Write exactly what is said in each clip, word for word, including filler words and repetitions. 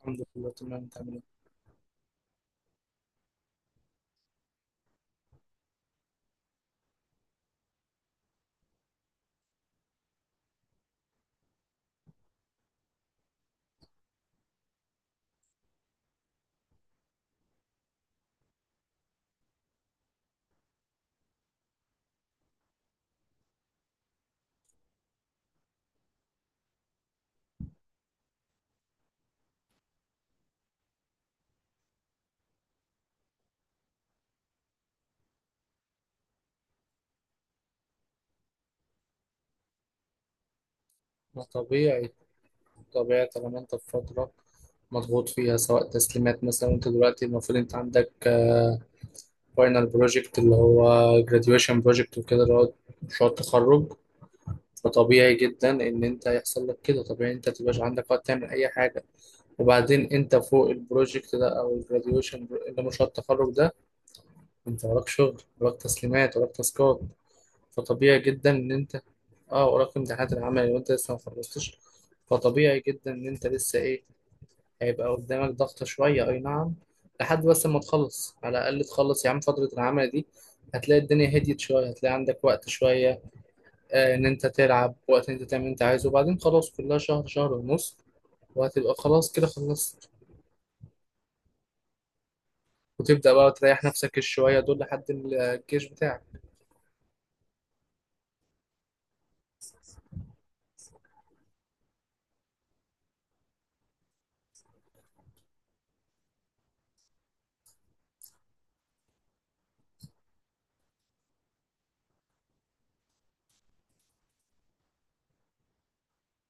الحمد لله، تمام تمام. ما طبيعي، طبيعي طالما انت في فترة مضغوط فيها، سواء تسليمات مثلا. انت دلوقتي المفروض انت عندك فاينل بروجكت اللي هو graduation بروجكت وكده، اللي هو مشروع التخرج. فطبيعي جدا ان انت يحصل لك كده، طبيعي انت متبقاش عندك وقت تعمل اي حاجة. وبعدين انت فوق البروجكت ده او الجراديويشن اللي هو مشروع التخرج ده، انت وراك شغل، وراك تسليمات، وراك تاسكات. فطبيعي جدا ان انت اه وراك امتحانات العمل وانت لسه ما خلصتش. فطبيعي جدا ان انت لسه ايه، هيبقى قدامك ضغطة شوية، اي نعم. لحد بس ما تخلص، على الاقل تخلص يا عم فترة العمل دي، هتلاقي الدنيا هديت شوية، هتلاقي عندك وقت شوية آه ان انت تلعب، وقت ان انت تعمل اللي انت عايزه. وبعدين خلاص، كلها شهر شهر ونص وهتبقى خلاص كده خلصت، وتبدأ بقى تريح نفسك الشوية دول لحد الجيش بتاعك.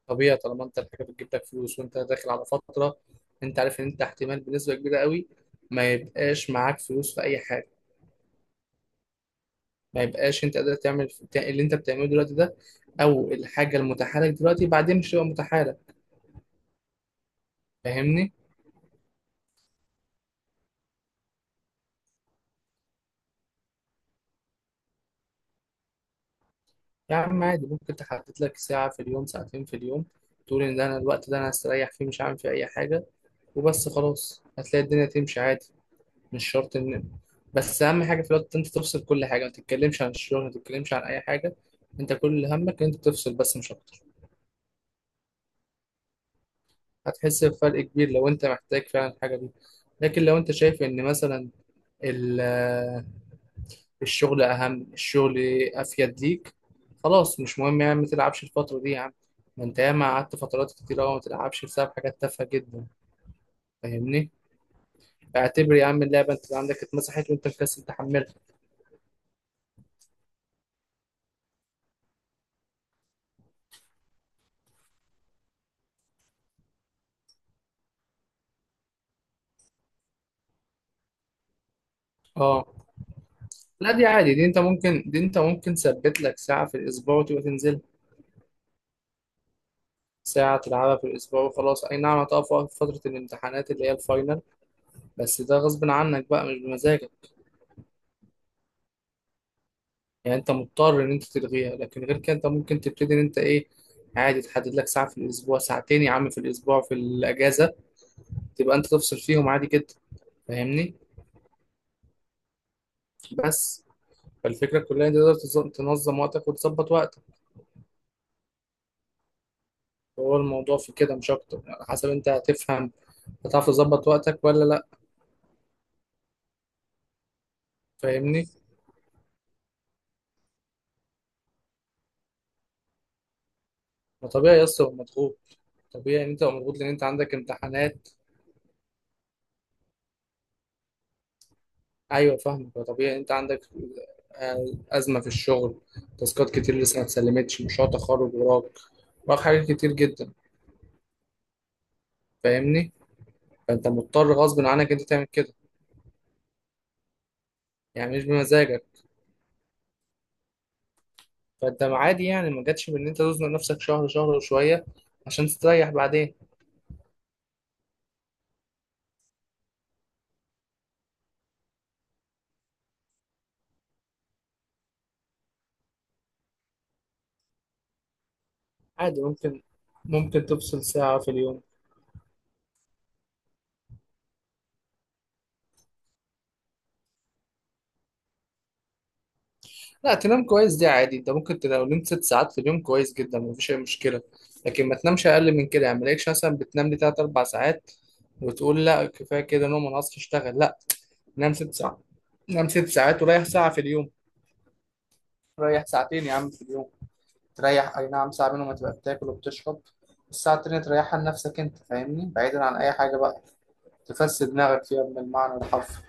طبيعي طالما انت الحاجه بتجيب لك فلوس وانت داخل على فتره، انت عارف ان انت احتمال بنسبه كبيره قوي ما يبقاش معاك فلوس في اي حاجه، ما يبقاش انت قادر تعمل تا- اللي انت بتعمله دلوقتي ده، او الحاجه المتاحه لك دلوقتي بعدين مش هتبقى متاحه لك، فاهمني؟ يا عم عادي ممكن تحدد لك ساعه في اليوم، ساعتين في اليوم، تقول ان ده انا الوقت ده انا هستريح فيه، مش هعمل فيه اي حاجه وبس، خلاص هتلاقي الدنيا تمشي عادي. مش شرط ان، بس اهم حاجه في الوقت انت تفصل كل حاجه، ما تتكلمش عن الشغل، ما تتكلمش عن اي حاجه، انت كل همك ان انت تفصل بس مش اكتر. هتحس بفرق كبير لو انت محتاج فعلا الحاجه دي، لكن لو انت شايف ان مثلا ال- الشغل اهم، الشغل افيد ليك، خلاص مش مهم، يعني ما تلعبش الفتره دي يا عم. ما انت ياما قعدت فترات كتير قوي ما تلعبش بسبب حاجات تافهه جدا، فاهمني؟ اعتبر يا عم اللعبه انت عندك اتمسحت وانت مكسل تحملها. اه لا، دي عادي، دي انت ممكن، دي انت ممكن تثبت لك ساعة في الأسبوع وتبقى تنزل ساعة تلعبها في الأسبوع وخلاص. أي نعم هتقف وقت في فترة الامتحانات اللي هي الفاينل، بس ده غصب عنك بقى مش بمزاجك، يعني انت مضطر ان انت تلغيها. لكن غير كده انت ممكن تبتدي ان انت ايه، عادي تحدد لك ساعة في الأسبوع، ساعتين يا عم في الأسبوع في الأجازة تبقى انت تفصل فيهم عادي جدا، فاهمني؟ بس فالفكرة كلها ان انت تقدر تز- تنظم وقتك وتظبط وقتك. هو الموضوع في كده مش أكتر، على حسب انت هتفهم، هتعرف تظبط وقتك ولا لا، فاهمني؟ ما طبيعي يا اسطى تبقى مضغوط، طبيعي ان انت تبقى مضغوط لان انت عندك امتحانات. ايوه فاهمك، طبيعي انت عندك آه، ازمه في الشغل، تاسكات كتير لسه ما اتسلمتش، مشروع تخرج وراك، وراك حاجات كتير جدا، فاهمني؟ فانت مضطر غصب عنك انت تعمل كده، يعني مش بمزاجك. فانت عادي يعني، ما جاتش بان انت تزنق نفسك شهر شهر وشويه عشان تستريح بعدين. عادي ممكن ممكن تفصل ساعه في اليوم. لا، تنام كويس دي عادي، انت ممكن تنام- لو نمت ست ساعات في اليوم كويس جدا، مفيش اي مشكله. لكن ما تنامش اقل من كده، يعني ما تلاقيش مثلا بتنام لي تلات اربع ساعات وتقول لا كفايه كده نوم انا هصحى اشتغل، لا، نام ست ساعات، نام ست ساعات وريح ساعه في اليوم. ريح ساعتين يا عم في اليوم تريح، اي نعم ساعه منهم هتبقى بتاكل وبتشرب، الساعه التانيه تريحها لنفسك انت، فاهمني؟ بعيدا عن اي حاجه بقى تفسد دماغك فيها من المعنى الحرفي.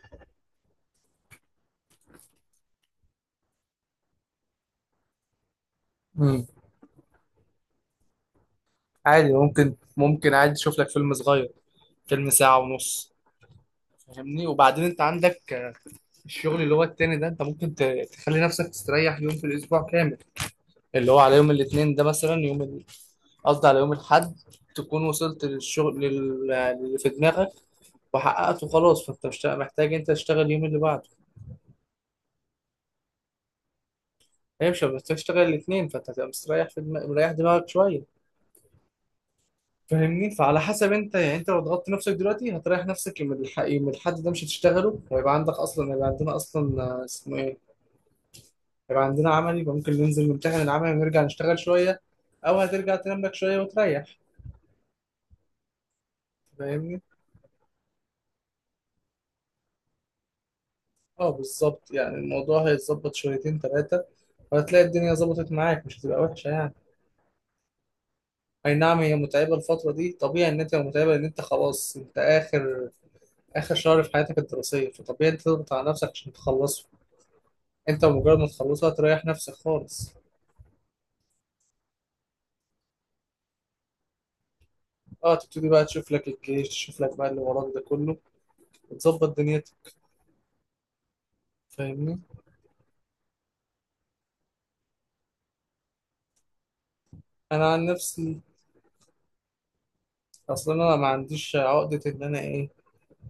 مم. عادي ممكن، ممكن عادي تشوف لك فيلم صغير، فيلم ساعه ونص، فاهمني؟ وبعدين انت عندك آه، الشغل اللي هو التاني ده، انت ممكن ت- تخلي نفسك تستريح يوم في الاسبوع كامل، اللي هو على يوم الاثنين ده مثلا، يوم ال- قصدي على يوم الاحد، تكون وصلت للشغل لل- اللي في دماغك وحققته خلاص، فانت مش محتاج انت تشتغل اليوم اللي بعده. هي مش محتاج تشتغل الاثنين، فانت هتبقى مستريح في دماغ... مريح دماغك شويه، فاهمني؟ فعلى حسب انت، يعني انت لو ضغطت نفسك دلوقتي هتريح نفسك يوم الح- يوم الاحد ده مش هتشتغله، ويبقى عندك اصلا، هيبقى عندنا اصلا آه، اسمه ايه، يبقى عندنا عملي، يبقى ممكن ننزل نمتحن العملي ونرجع نشتغل شوية، أو هترجع تنام لك شوية وتريح، فاهمني؟ اه بالظبط، يعني الموضوع هيتظبط شويتين تلاتة وهتلاقي الدنيا ظبطت معاك، مش هتبقى وحشة يعني. أي نعم هي متعبة الفترة دي، طبيعي إن أنت تبقى متعبة لأن أنت خلاص، أنت آخر، آخر شهر في حياتك الدراسية، فطبيعي أنت تضغط على نفسك عشان تخلصه. أنت مجرد ما تخلصه هتريح نفسك خالص. اه تبتدي بقى تشوف لك الجيش، تشوف لك بقى اللي وراك ده كله وتظبط دنيتك، فاهمني؟ أنا عن نفسي، اصل انا ما عنديش عقده ان انا ايه،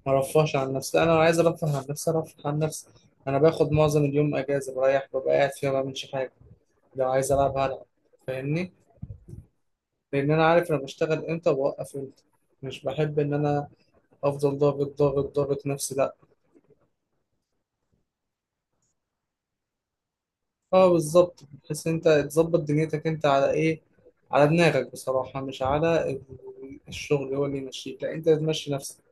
ما ارفهش عن نفسي. لا، انا لو عايز ارفه عن نفسي ارفه عن نفسي، انا باخد معظم اليوم اجازه، بريح، ببقى قاعد فيها ما بعملش حاجه. لو عايز العب هلعب، فاهمني، لان انا عارف انا بشتغل امتى وبوقف امتى، مش بحب ان انا افضل ضاغط ضاغط ضاغط نفسي، لا. اه بالظبط، بحيث انت تظبط دنيتك انت على ايه، على دماغك بصراحه، مش على ال- الشغل هو اللي يمشيك، لا انت تمشي نفسك،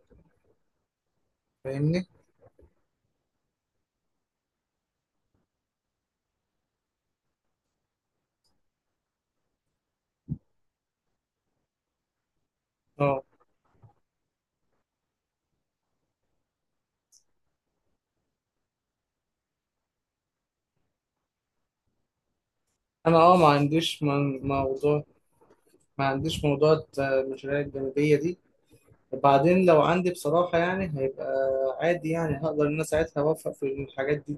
فاهمني. اه انا اه ما عنديش من موضوع، ما عنديش موضوع المشاريع الجانبية دي. وبعدين لو عندي بصراحة يعني، هيبقى عادي، يعني هقدر إن أنا ساعتها أوفق في الحاجات دي.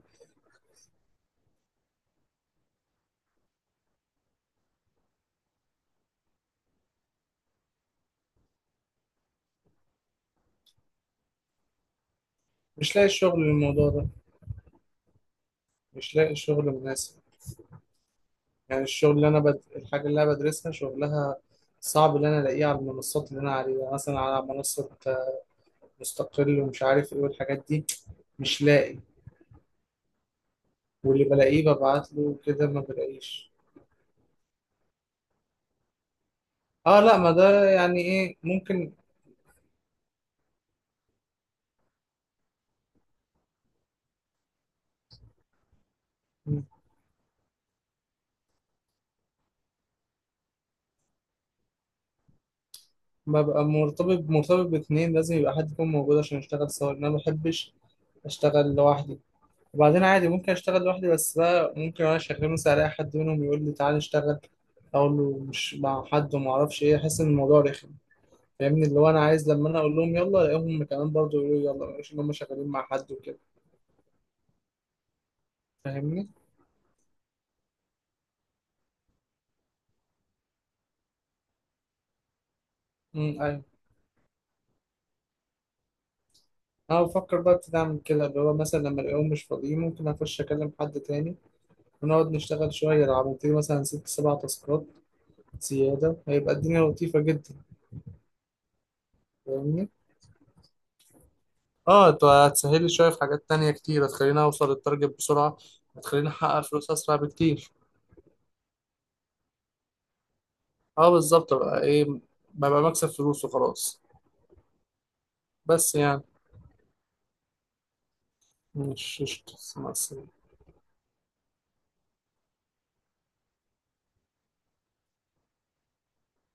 مش لاقي شغل للموضوع ده، مش لاقي شغل مناسب. يعني الشغل اللي أنا بد... الحاجة اللي أنا بدرسها شغلها صعب إن أنا ألاقيه على المنصات اللي أنا عليها، يعني مثلا على منصة مستقل ومش عارف إيه والحاجات دي، مش لاقي، واللي بلاقيه ببعت له كده ما بلاقيش. اه لا، ما ده يعني ايه ممكن. ببقى مرتبط، مرتبط باتنين، لازم يبقى حد يكون موجود عشان نشتغل سوا لأن أنا ما بحبش أشتغل لوحدي. وبعدين عادي ممكن أشتغل لوحدي بس بقى، ممكن وأنا شغال مثلا ألاقي حد منهم يقول لي تعالى اشتغل، أقول له مش مع حد وما أعرفش إيه، أحس إن الموضوع رخم، فاهمني؟ اللي هو أنا عايز لما أنا أقول لهم يلا ألاقيهم كمان برضه يقولوا لي يلا، مش إن هم شغالين مع حد وكده، فاهمني؟ امم أيوه، أنا بفكر بقى ابتدي أعمل كده، اللي هو مثلا لما ألاقيهم مش فاضيين ممكن أخش أكلم حد تاني ونقعد نشتغل شوية. لو عملت لي مثلا ست سبع تاسكات زيادة هيبقى الدنيا لطيفة جدا، فاهمني؟ اه انت هتسهل لي شوية في حاجات تانية كتير، هتخليني اوصل للتارجت بسرعة، هتخليني احقق فلوس اسرع بكتير. اه بالظبط بقى ايه، ببقى مكسب فلوس وخلاص. بس يعني مش مش- مع السلامة.